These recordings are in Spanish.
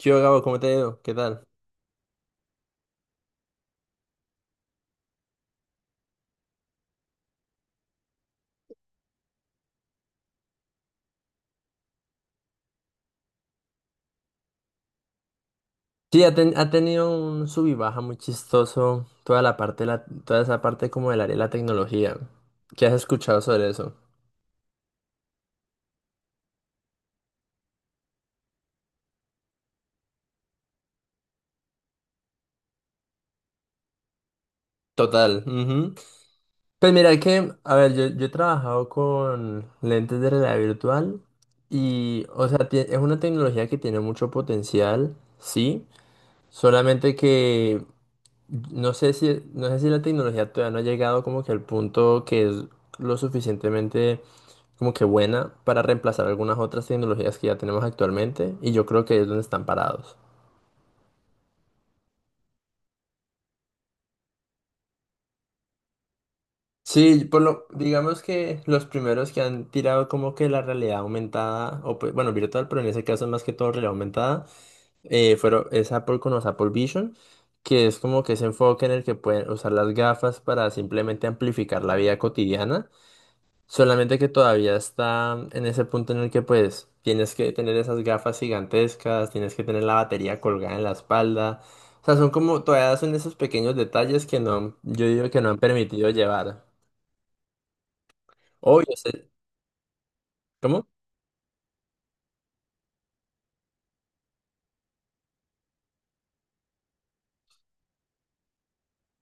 ¿Yo, Gabo? ¿Cómo te ha ido? ¿Qué tal? Sí, ha tenido un sub y baja muy chistoso toda la parte, toda esa parte como del área de la tecnología. ¿Qué has escuchado sobre eso? Total. Ujú. Pues mira que, a ver, yo he trabajado con lentes de realidad virtual y, o sea, es una tecnología que tiene mucho potencial, sí, solamente que no sé si la tecnología todavía no ha llegado como que al punto que es lo suficientemente como que buena para reemplazar algunas otras tecnologías que ya tenemos actualmente, y yo creo que ahí es donde están parados. Sí, digamos que los primeros que han tirado como que la realidad aumentada, o pues, bueno, virtual, pero en ese caso más que todo realidad aumentada, fueron, es Apple con los Apple Vision, que es como que ese enfoque en el que pueden usar las gafas para simplemente amplificar la vida cotidiana. Solamente que todavía está en ese punto en el que pues tienes que tener esas gafas gigantescas, tienes que tener la batería colgada en la espalda. O sea, son como todavía son esos pequeños detalles que no, yo digo que no han permitido llevar. Obvio, ¿cómo?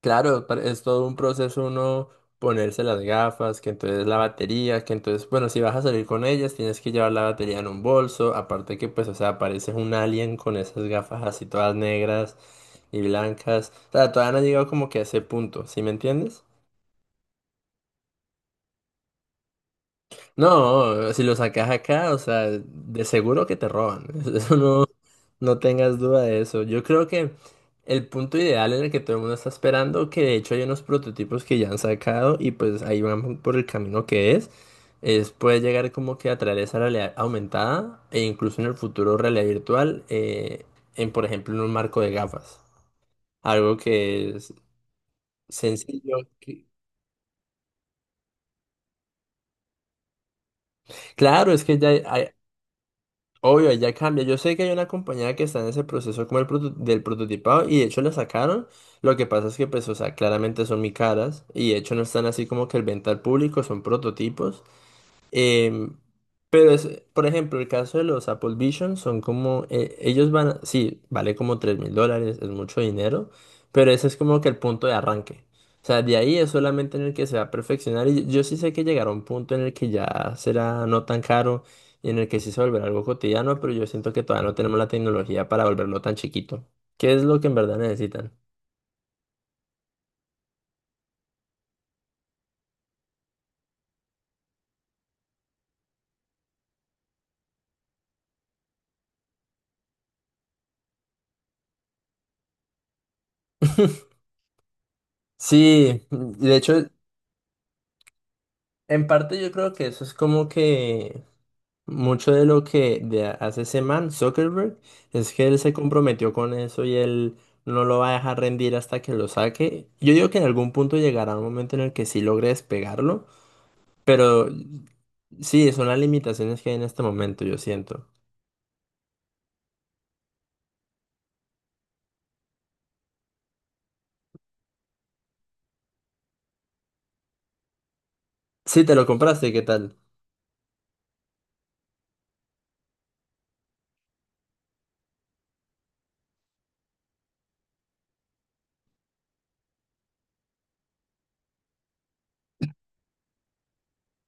Claro, es todo un proceso uno ponerse las gafas, que entonces la batería, que entonces, bueno, si vas a salir con ellas, tienes que llevar la batería en un bolso, aparte que pues, o sea, pareces un alien con esas gafas así todas negras y blancas. O sea, todavía no han llegado como que a ese punto, ¿sí me entiendes? No, si lo sacas acá, o sea, de seguro que te roban. Eso no, no tengas duda de eso. Yo creo que el punto ideal en el que todo el mundo está esperando, que de hecho hay unos prototipos que ya han sacado y pues ahí van por el camino es puede llegar como que a traer esa realidad aumentada e incluso en el futuro realidad virtual, en, por ejemplo, en un marco de gafas. Algo que es sencillo. Claro, es que ya hay, obvio, ya cambia. Yo sé que hay una compañía que está en ese proceso como el del prototipado y de hecho la sacaron. Lo que pasa es que pues, o sea, claramente son muy caras y de hecho no están así como que el venta al público, son prototipos. Em, pero, por ejemplo, el caso de los Apple Vision son como, ellos van, sí, vale como $3.000, es mucho dinero, pero ese es como que el punto de arranque. O sea, de ahí es solamente en el que se va a perfeccionar y yo sí sé que llegará un punto en el que ya será no tan caro y en el que sí se volverá algo cotidiano, pero yo siento que todavía no tenemos la tecnología para volverlo tan chiquito. ¿Qué es lo que en verdad necesitan? Sí, de hecho, en parte yo creo que eso es como que... Mucho de lo que de hace ese man, Zuckerberg, es que él se comprometió con eso y él no lo va a dejar rendir hasta que lo saque. Yo digo que en algún punto llegará un momento en el que sí logre despegarlo, pero sí, son las limitaciones que hay en este momento, yo siento. Sí, te lo compraste, ¿qué tal?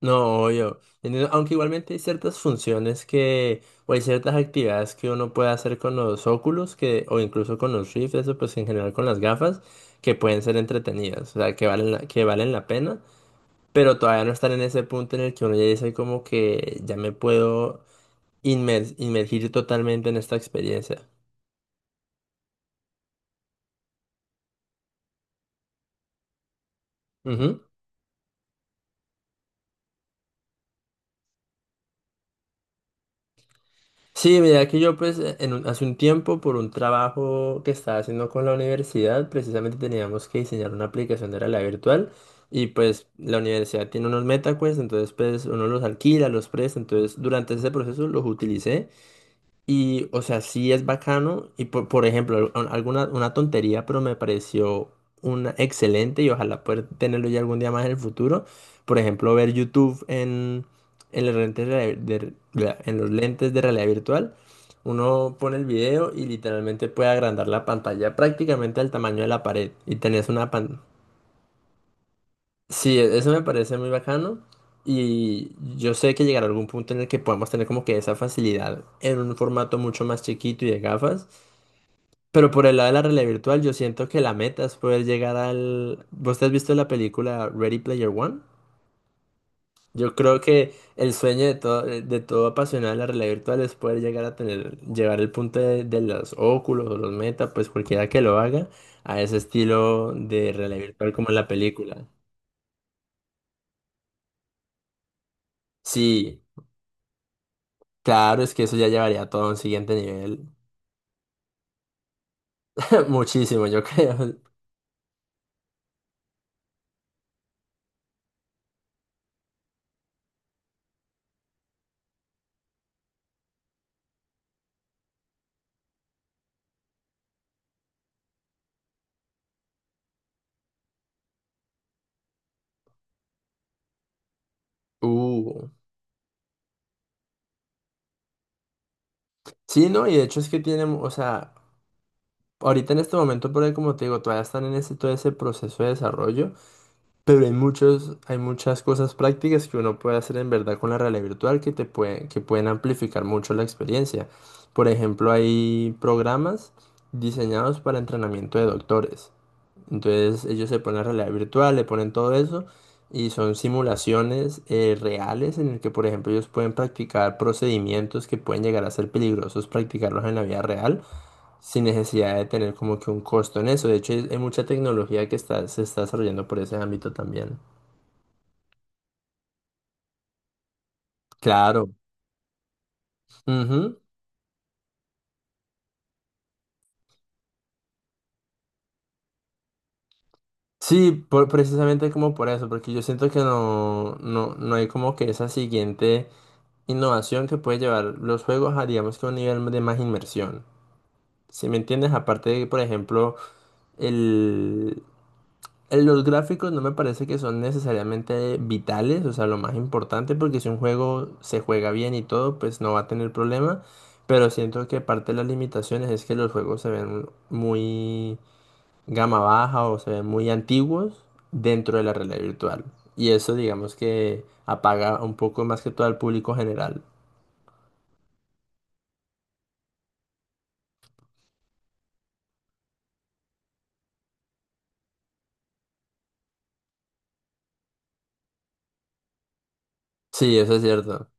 No, obvio. Entiendo. Aunque igualmente hay ciertas funciones que, o hay ciertas actividades que uno puede hacer con los óculos, que, o incluso con los Rift, eso pues en general con las gafas, que pueden ser entretenidas, o sea, que valen la pena, pero todavía no están en ese punto en el que uno ya dice como que ya me puedo inmergir totalmente en esta experiencia. Ujú. Sí, mira que yo pues hace un tiempo por un trabajo que estaba haciendo con la universidad, precisamente teníamos que diseñar una aplicación de realidad virtual y pues la universidad tiene unos MetaQuest, entonces pues uno los alquila, los presta, entonces durante ese proceso los utilicé y, o sea, sí es bacano. Y, por ejemplo, alguna una tontería, pero me pareció una excelente y ojalá poder tenerlo ya algún día más en el futuro. Por ejemplo, ver YouTube en los lentes en los lentes de realidad virtual. Uno pone el video y literalmente puede agrandar la pantalla prácticamente al tamaño de la pared. Y tenés una pantalla. Sí, eso me parece muy bacano y yo sé que llegará algún punto en el que podamos tener como que esa facilidad en un formato mucho más chiquito y de gafas, pero por el lado de la realidad virtual yo siento que la meta es poder llegar al... ¿Vos te has visto la película Ready Player One? Yo creo que el sueño de todo, apasionado de la realidad virtual es poder llegar a tener, llevar el punto de los óculos o los meta, pues cualquiera que lo haga, a ese estilo de realidad virtual como en la película. Sí. Claro, es que eso ya llevaría todo a un siguiente nivel. Muchísimo, yo creo. Uh. Sí, no, y de hecho es que tienen, o sea, ahorita en este momento, por ahí, como te digo, todavía están en ese, todo ese proceso de desarrollo, pero hay muchos, hay muchas cosas prácticas que uno puede hacer en verdad con la realidad virtual que te pueden, que pueden amplificar mucho la experiencia. Por ejemplo, hay programas diseñados para entrenamiento de doctores. Entonces ellos se ponen la realidad virtual, le ponen todo eso y son simulaciones reales en el que, por ejemplo, ellos pueden practicar procedimientos que pueden llegar a ser peligrosos practicarlos en la vida real sin necesidad de tener como que un costo en eso. De hecho, hay mucha tecnología que está, se está desarrollando por ese ámbito también. Claro. Ujú. Sí, precisamente como por eso, porque yo siento que no hay como que esa siguiente innovación que puede llevar los juegos a, digamos que un nivel de más inmersión. Si me entiendes, aparte de que, por ejemplo, el, los gráficos no me parece que son necesariamente vitales, o sea, lo más importante, porque si un juego se juega bien y todo, pues no va a tener problema, pero siento que parte de las limitaciones es que los juegos se ven muy gama baja o se ven muy antiguos dentro de la realidad virtual. Y eso, digamos que apaga un poco más que todo al público general. Sí, eso es cierto.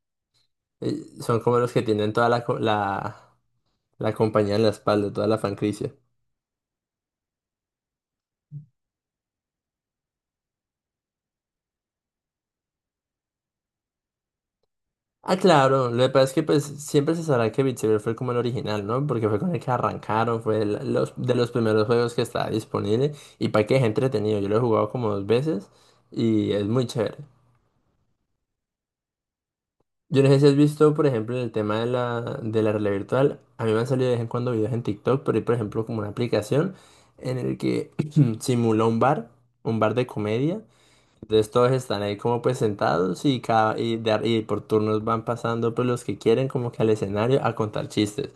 Son como los que tienen toda la compañía en la espalda, toda la franquicia. Ah, claro, lo que pasa es que pues siempre se sabrá que Beat Saber fue como el original, ¿no? Porque fue con el que arrancaron, fue de los primeros juegos que estaba disponible y para que es entretenido. Yo lo he jugado como dos veces y es muy chévere. Yo no sé si has visto, por ejemplo, el tema de la realidad virtual. A mí me han salido de vez en cuando videos en TikTok, pero hay, por ejemplo, como una aplicación en el que simula un bar de comedia. Entonces todos están ahí como pues sentados y, cada, y, de ar- y por turnos van pasando pues los que quieren como que al escenario a contar chistes.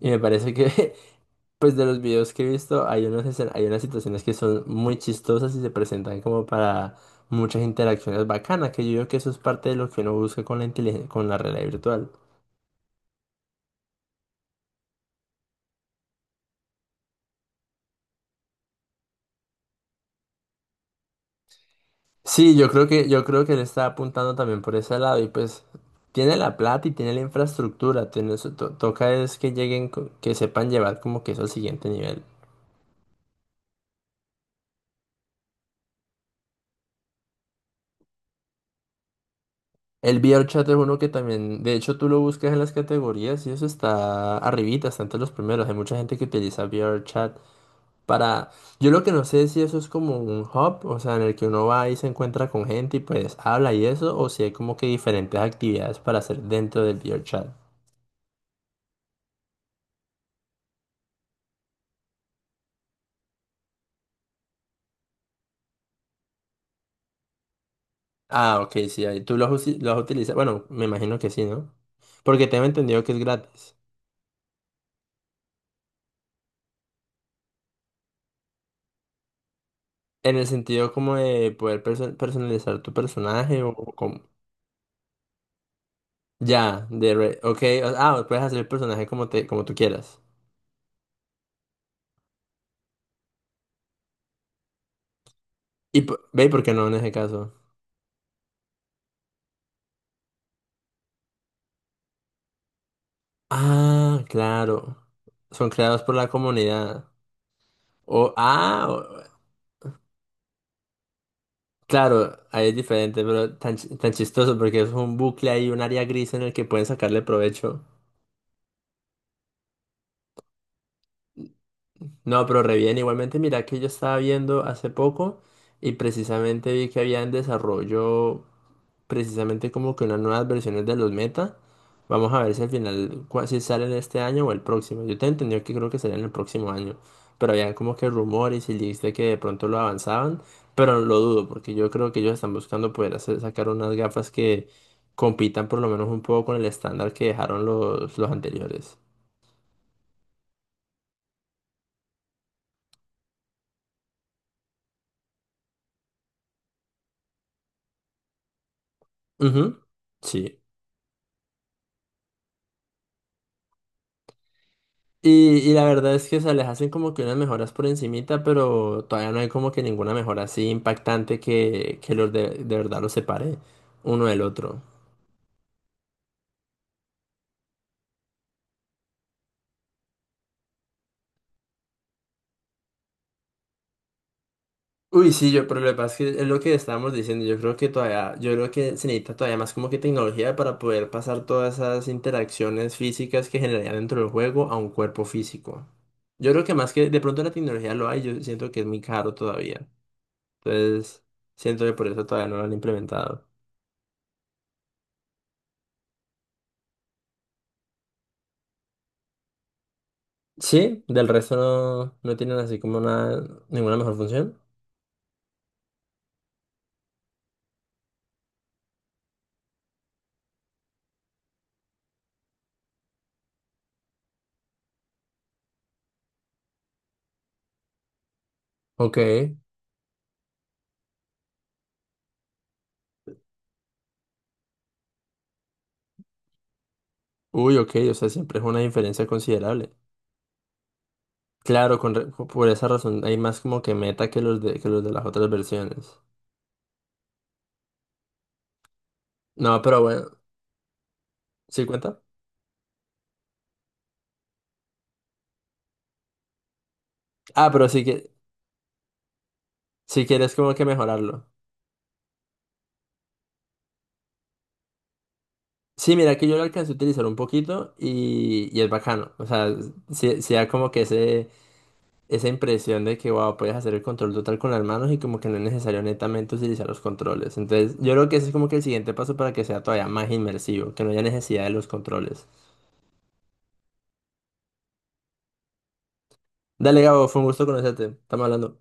Y me parece que pues de los videos que he visto hay unas situaciones que son muy chistosas y se presentan como para muchas interacciones bacanas, que yo creo que eso es parte de lo que uno busca con la con la realidad virtual. Sí, yo creo que él está apuntando también por ese lado y pues tiene la plata y tiene la infraestructura, tiene, toca es que lleguen, que sepan llevar como que eso al siguiente nivel. El VRChat es uno que también, de hecho tú lo buscas en las categorías y eso está arribita, está entre los primeros. Hay mucha gente que utiliza VRChat para... Yo lo que no sé es si eso es como un hub, o sea, en el que uno va y se encuentra con gente y pues habla y eso, o si hay como que diferentes actividades para hacer dentro del VRChat. Ah, ok, sí, ahí tú lo has, lo has utilizado. Bueno, me imagino que sí, ¿no? Porque tengo entendido que es gratis. En el sentido como de poder personalizar tu personaje o, Ya, ok, ah, puedes hacer el personaje como tú quieras. Y ve por qué no en ese caso. Ah, claro. Son creados por la comunidad. Ah, claro, ahí es diferente, pero tan chistoso porque es un bucle ahí, un área gris en el que pueden sacarle provecho. No, pero re bien. Igualmente, mira que yo estaba viendo hace poco y precisamente vi que había en desarrollo, precisamente como que unas nuevas versiones de los meta. Vamos a ver si al final, si salen este año o el próximo. Yo te entendí que creo que salen el próximo año, pero habían como que rumores y leaks de que de pronto lo avanzaban, pero lo dudo, porque yo creo que ellos están buscando poder hacer, sacar unas gafas que compitan por lo menos un poco con el estándar que dejaron los, anteriores. Ujú. Sí. Y la verdad es que, o sea, les hacen como que unas mejoras por encimita, pero todavía no hay como que ninguna mejora así impactante que los de verdad los separe uno del otro. Uy, sí, pero lo que pasa es que es lo que estábamos diciendo, yo creo que todavía, yo creo que se necesita todavía más como que tecnología para poder pasar todas esas interacciones físicas que generarían dentro del juego a un cuerpo físico. Yo creo que más que de pronto la tecnología lo hay, yo siento que es muy caro todavía. Entonces, siento que por eso todavía no lo han implementado. Sí, del resto no tienen así como una, ninguna mejor función. Ok. Uy, ok, o sea, siempre es una diferencia considerable. Claro, por esa razón hay más como que meta que que los de las otras versiones. No, pero bueno, ¿sí cuenta? Ah, pero sí que, si quieres como que mejorarlo. Sí, mira que yo lo alcancé a utilizar un poquito y es bacano. O sea, sí, sí da como que ese... esa impresión de que, wow, puedes hacer el control total con las manos y como que no es necesario netamente utilizar los controles. Entonces, yo creo que ese es como que el siguiente paso para que sea todavía más inmersivo, que no haya necesidad de los controles. Dale, Gabo, fue un gusto conocerte. Estamos hablando.